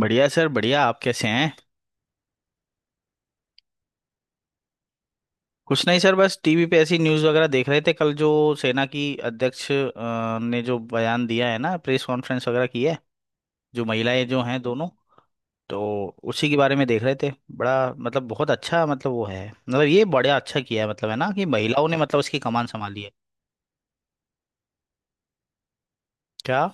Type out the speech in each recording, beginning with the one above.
बढ़िया सर बढ़िया। आप कैसे हैं? कुछ नहीं सर, बस टीवी पे ऐसी न्यूज़ वगैरह देख रहे थे। कल जो सेना की अध्यक्ष ने जो बयान दिया है ना, प्रेस कॉन्फ्रेंस वगैरह की है। जो महिलाएं जो हैं दोनों, तो उसी के बारे में देख रहे थे। बड़ा, बहुत अच्छा, मतलब वो है मतलब ये बड़ा अच्छा किया है, है ना, कि महिलाओं ने उसकी कमान संभाली है। क्या?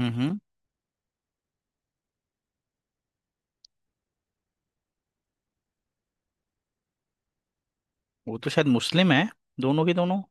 हम्म। वो तो शायद मुस्लिम है, दोनों की दोनों।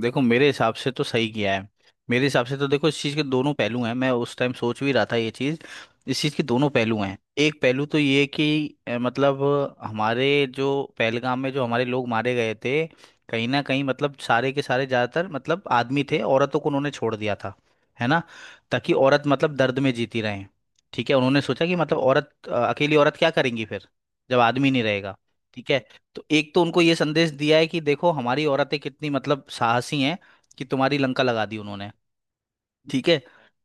देखो मेरे हिसाब से तो सही किया है। मेरे हिसाब से तो देखो इस चीज़ के दोनों पहलू हैं। मैं उस टाइम सोच भी रहा था ये चीज़। इस चीज़ के दोनों पहलू हैं। एक पहलू तो ये कि अ, मतलब हमारे जो पहलगाम में जो हमारे लोग मारे गए थे, कहीं ना कहीं सारे के सारे ज़्यादातर आदमी थे, औरतों को उन्होंने छोड़ दिया था, है ना। ताकि औरत दर्द में जीती रहें। ठीक है, उन्होंने सोचा कि औरत अकेली औरत क्या करेंगी फिर, जब आदमी नहीं रहेगा। ठीक है। तो एक तो उनको ये संदेश दिया है कि देखो हमारी औरतें कितनी साहसी हैं, कि तुम्हारी लंका लगा दी उन्होंने। ठीक है।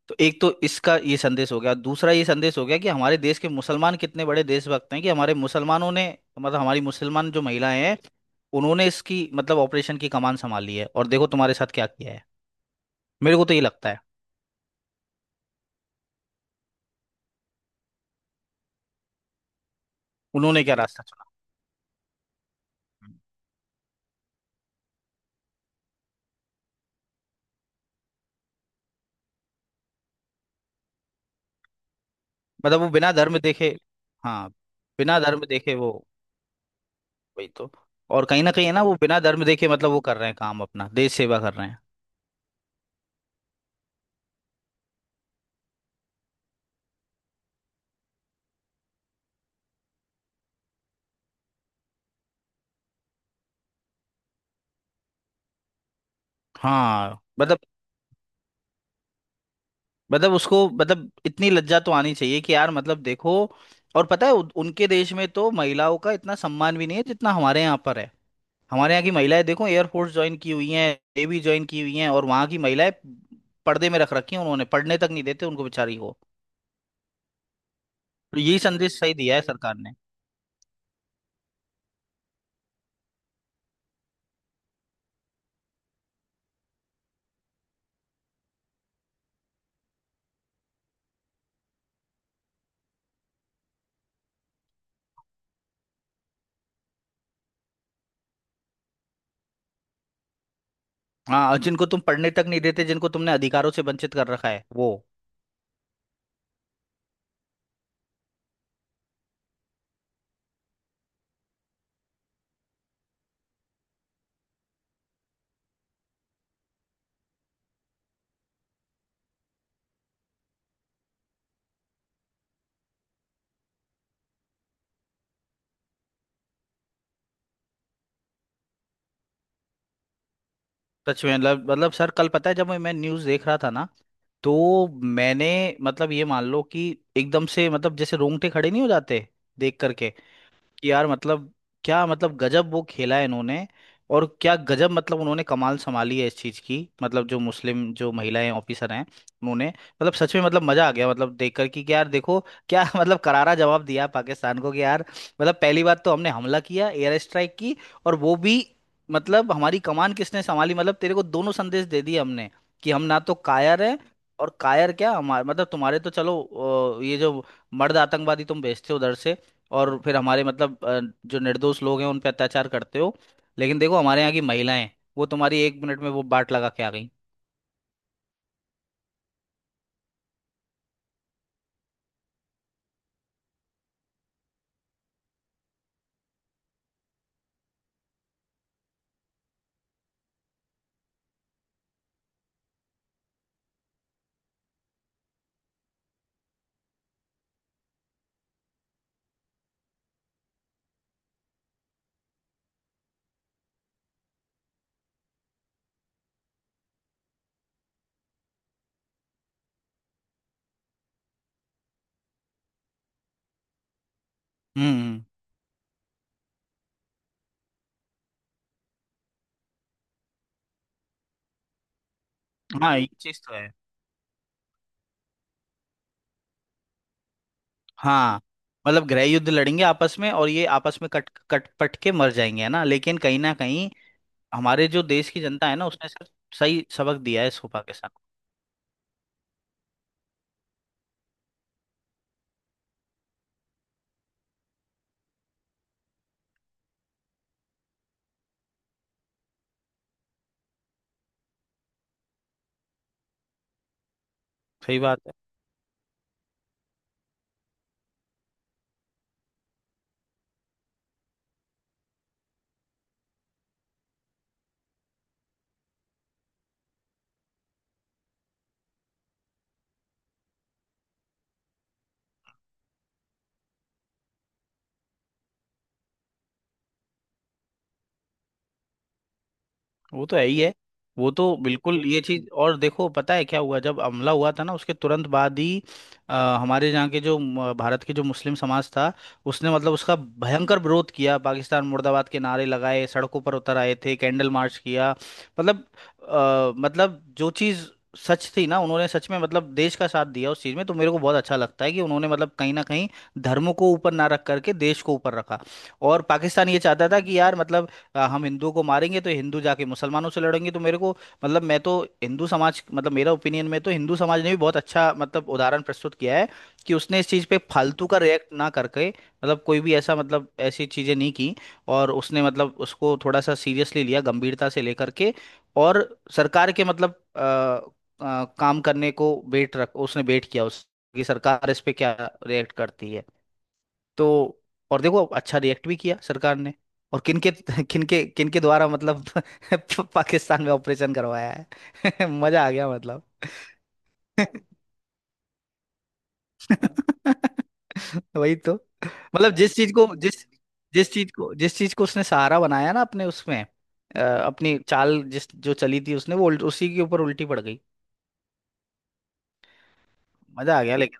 तो एक तो इसका ये संदेश हो गया, दूसरा ये संदेश हो गया कि हमारे देश के मुसलमान कितने बड़े देशभक्त हैं, कि हमारे मुसलमानों ने, हमारी मुसलमान जो महिलाएं हैं, उन्होंने इसकी ऑपरेशन की कमान संभाली है। और देखो तुम्हारे साथ क्या किया है। मेरे को तो ये लगता है, उन्होंने क्या रास्ता चुना। हम्म। वो बिना धर्म देखे, हाँ, बिना धर्म देखे वो, वही तो। और कहीं ना कहीं है ना वो बिना धर्म देखे वो कर रहे हैं काम, अपना देश सेवा कर रहे हैं। हाँ मतलब, उसको इतनी लज्जा तो आनी चाहिए कि यार देखो। और पता है उनके देश में तो महिलाओं का इतना सम्मान भी नहीं है जितना हमारे यहाँ पर है। हमारे यहाँ की महिलाएं देखो, एयरफोर्स ज्वाइन की हुई हैं, नेवी ज्वाइन की हुई हैं, और वहाँ की महिलाएं पर्दे में रख रखी हैं उन्होंने, पढ़ने तक नहीं देते उनको बेचारी को। तो यही संदेश सही दिया है सरकार ने। हाँ, और जिनको तुम पढ़ने तक नहीं देते, जिनको तुमने अधिकारों से वंचित कर रखा है वो। सच में सर कल पता है जब मैं न्यूज़ देख रहा था ना, तो मैंने, ये मान लो कि एकदम से जैसे रोंगटे खड़े नहीं हो जाते देख करके, कि यार क्या गजब वो खेला है इन्होंने। और क्या गजब उन्होंने कमाल संभाली है इस चीज की। जो मुस्लिम जो महिलाएं ऑफिसर हैं, उन्होंने सच में मजा आ गया देखकर कि यार देखो क्या करारा जवाब दिया पाकिस्तान को। कि यार, पहली बात तो हमने हमला किया, एयर स्ट्राइक की, और वो भी हमारी कमान किसने संभाली। तेरे को दोनों संदेश दे दिए हमने, कि हम ना तो कायर हैं, और कायर क्या, हमारे तुम्हारे तो चलो ये जो मर्द आतंकवादी तुम भेजते हो उधर से, और फिर हमारे जो निर्दोष लोग हैं उन पे अत्याचार करते हो। लेकिन देखो हमारे यहाँ की महिलाएं वो तुम्हारी एक मिनट में वो बाट लगा के आ गई। हम्म, हाँ ये चीज तो है। हाँ गृह युद्ध लड़ेंगे आपस में और ये आपस में कट कट पट के मर जाएंगे, है ना। लेकिन कहीं ना कहीं हमारे जो देश की जनता है ना उसने सिर्फ सही सबक दिया है इस पाकिस्तान को। सही बात है। वो तो है ही है, वो तो बिल्कुल। ये चीज और देखो पता है क्या हुआ, जब हमला हुआ था ना उसके तुरंत बाद ही अ, हमारे यहाँ के जो भारत के जो मुस्लिम समाज था, उसने उसका भयंकर विरोध किया, पाकिस्तान मुर्दाबाद के नारे लगाए, सड़कों पर उतर आए थे, कैंडल मार्च किया। मतलब जो चीज सच थी ना, उन्होंने सच में देश का साथ दिया उस चीज में। तो मेरे को बहुत अच्छा लगता है कि उन्होंने कहीं ना कहीं धर्म को ऊपर ना रख करके देश को ऊपर रखा। और पाकिस्तान ये चाहता था कि यार हम हिंदुओं को मारेंगे तो हिंदू जाके मुसलमानों से लड़ेंगे। तो मेरे को मतलब मैं तो हिंदू समाज मतलब मेरा ओपिनियन में तो हिंदू समाज ने भी बहुत अच्छा उदाहरण प्रस्तुत किया है, कि उसने इस चीज़ पे फालतू का रिएक्ट ना करके मतलब कोई भी ऐसा मतलब ऐसी चीज़ें नहीं की। और उसने उसको थोड़ा सा सीरियसली लिया, गंभीरता से लेकर के, और सरकार के काम करने को वेट रख, उसने वेट किया उस, कि सरकार इस पे क्या रिएक्ट करती है। तो, और देखो अच्छा रिएक्ट भी किया सरकार ने। और किनके किनके किनके द्वारा पाकिस्तान में ऑपरेशन करवाया है। मजा आ गया मतलब। वही तो। मतलब जिस चीज को जिस जिस चीज को उसने सहारा बनाया ना अपने, उसमें अपनी चाल जिस जो चली थी उसने, वो उसी के ऊपर उल्टी पड़ गई। मजा आ गया लेकिन।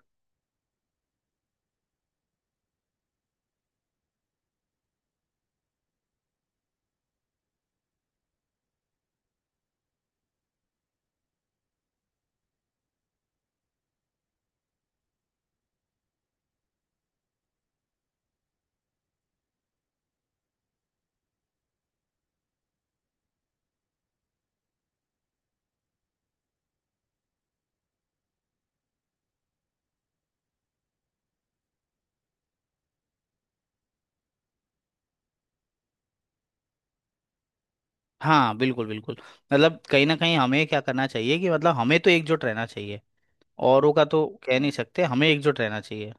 हाँ बिल्कुल बिल्कुल। कहीं ना कहीं हमें क्या करना चाहिए कि हमें तो एकजुट रहना चाहिए। औरों का तो कह नहीं सकते, हमें एकजुट रहना चाहिए।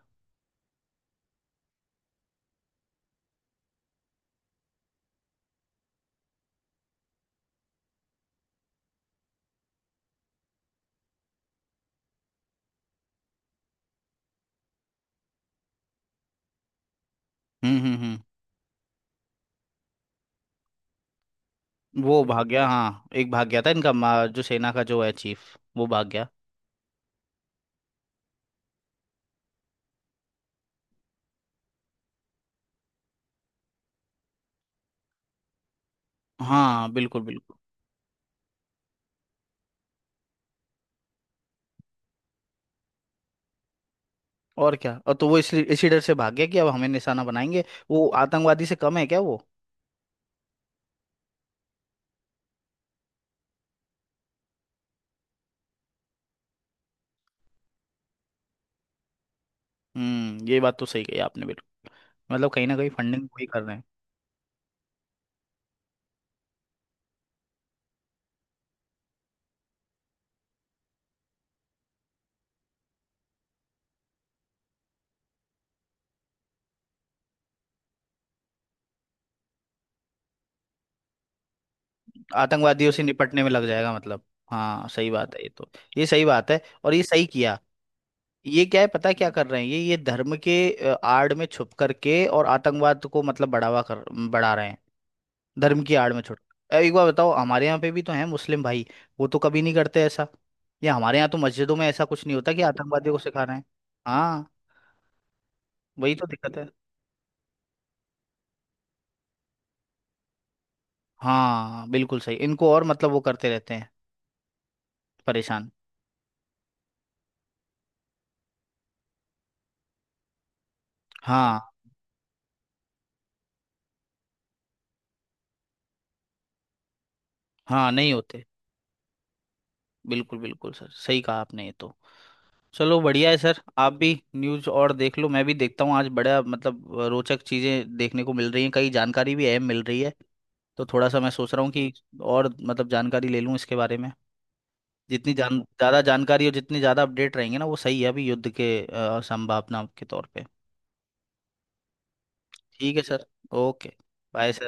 हम्म। वो भाग गया, हाँ, एक भाग गया था इनका जो सेना का जो है चीफ वो भाग गया। हाँ बिल्कुल बिल्कुल। और क्या, और तो वो इसलिए इसी डर से भाग गया कि अब हमें निशाना बनाएंगे। वो आतंकवादी से कम है क्या वो? हम्म, ये बात तो सही कही आपने बिल्कुल। कहीं ना कहीं फंडिंग वही कर रहे हैं। आतंकवादियों से निपटने में लग जाएगा मतलब। हाँ सही बात है ये तो। ये सही बात है और ये सही किया। ये क्या है, पता है क्या कर रहे हैं, ये धर्म के आड़ में छुप करके और आतंकवाद को बढ़ा रहे हैं, धर्म की आड़ में छुट। एक बार बताओ, हमारे यहाँ पे भी तो हैं मुस्लिम भाई, वो तो कभी नहीं करते ऐसा, या हमारे यहाँ तो मस्जिदों में ऐसा कुछ नहीं होता कि आतंकवादियों को सिखा रहे हैं। हाँ, वही तो दिक्कत है। हाँ बिल्कुल सही, इनको और वो करते रहते हैं परेशान। हाँ। हाँ नहीं होते। बिल्कुल बिल्कुल सर, सही कहा आपने ये तो। चलो बढ़िया है सर, आप भी न्यूज़ और देख लो, मैं भी देखता हूँ। आज बड़ा रोचक चीज़ें देखने को मिल रही हैं, कई जानकारी भी अहम मिल रही है। तो थोड़ा सा मैं सोच रहा हूँ कि और जानकारी ले लूँ इसके बारे में। जितनी जान ज़्यादा जानकारी और जितनी ज़्यादा अपडेट रहेंगे ना, वो सही है, अभी युद्ध के संभावना के तौर पे। ठीक है सर, ओके, बाय सर।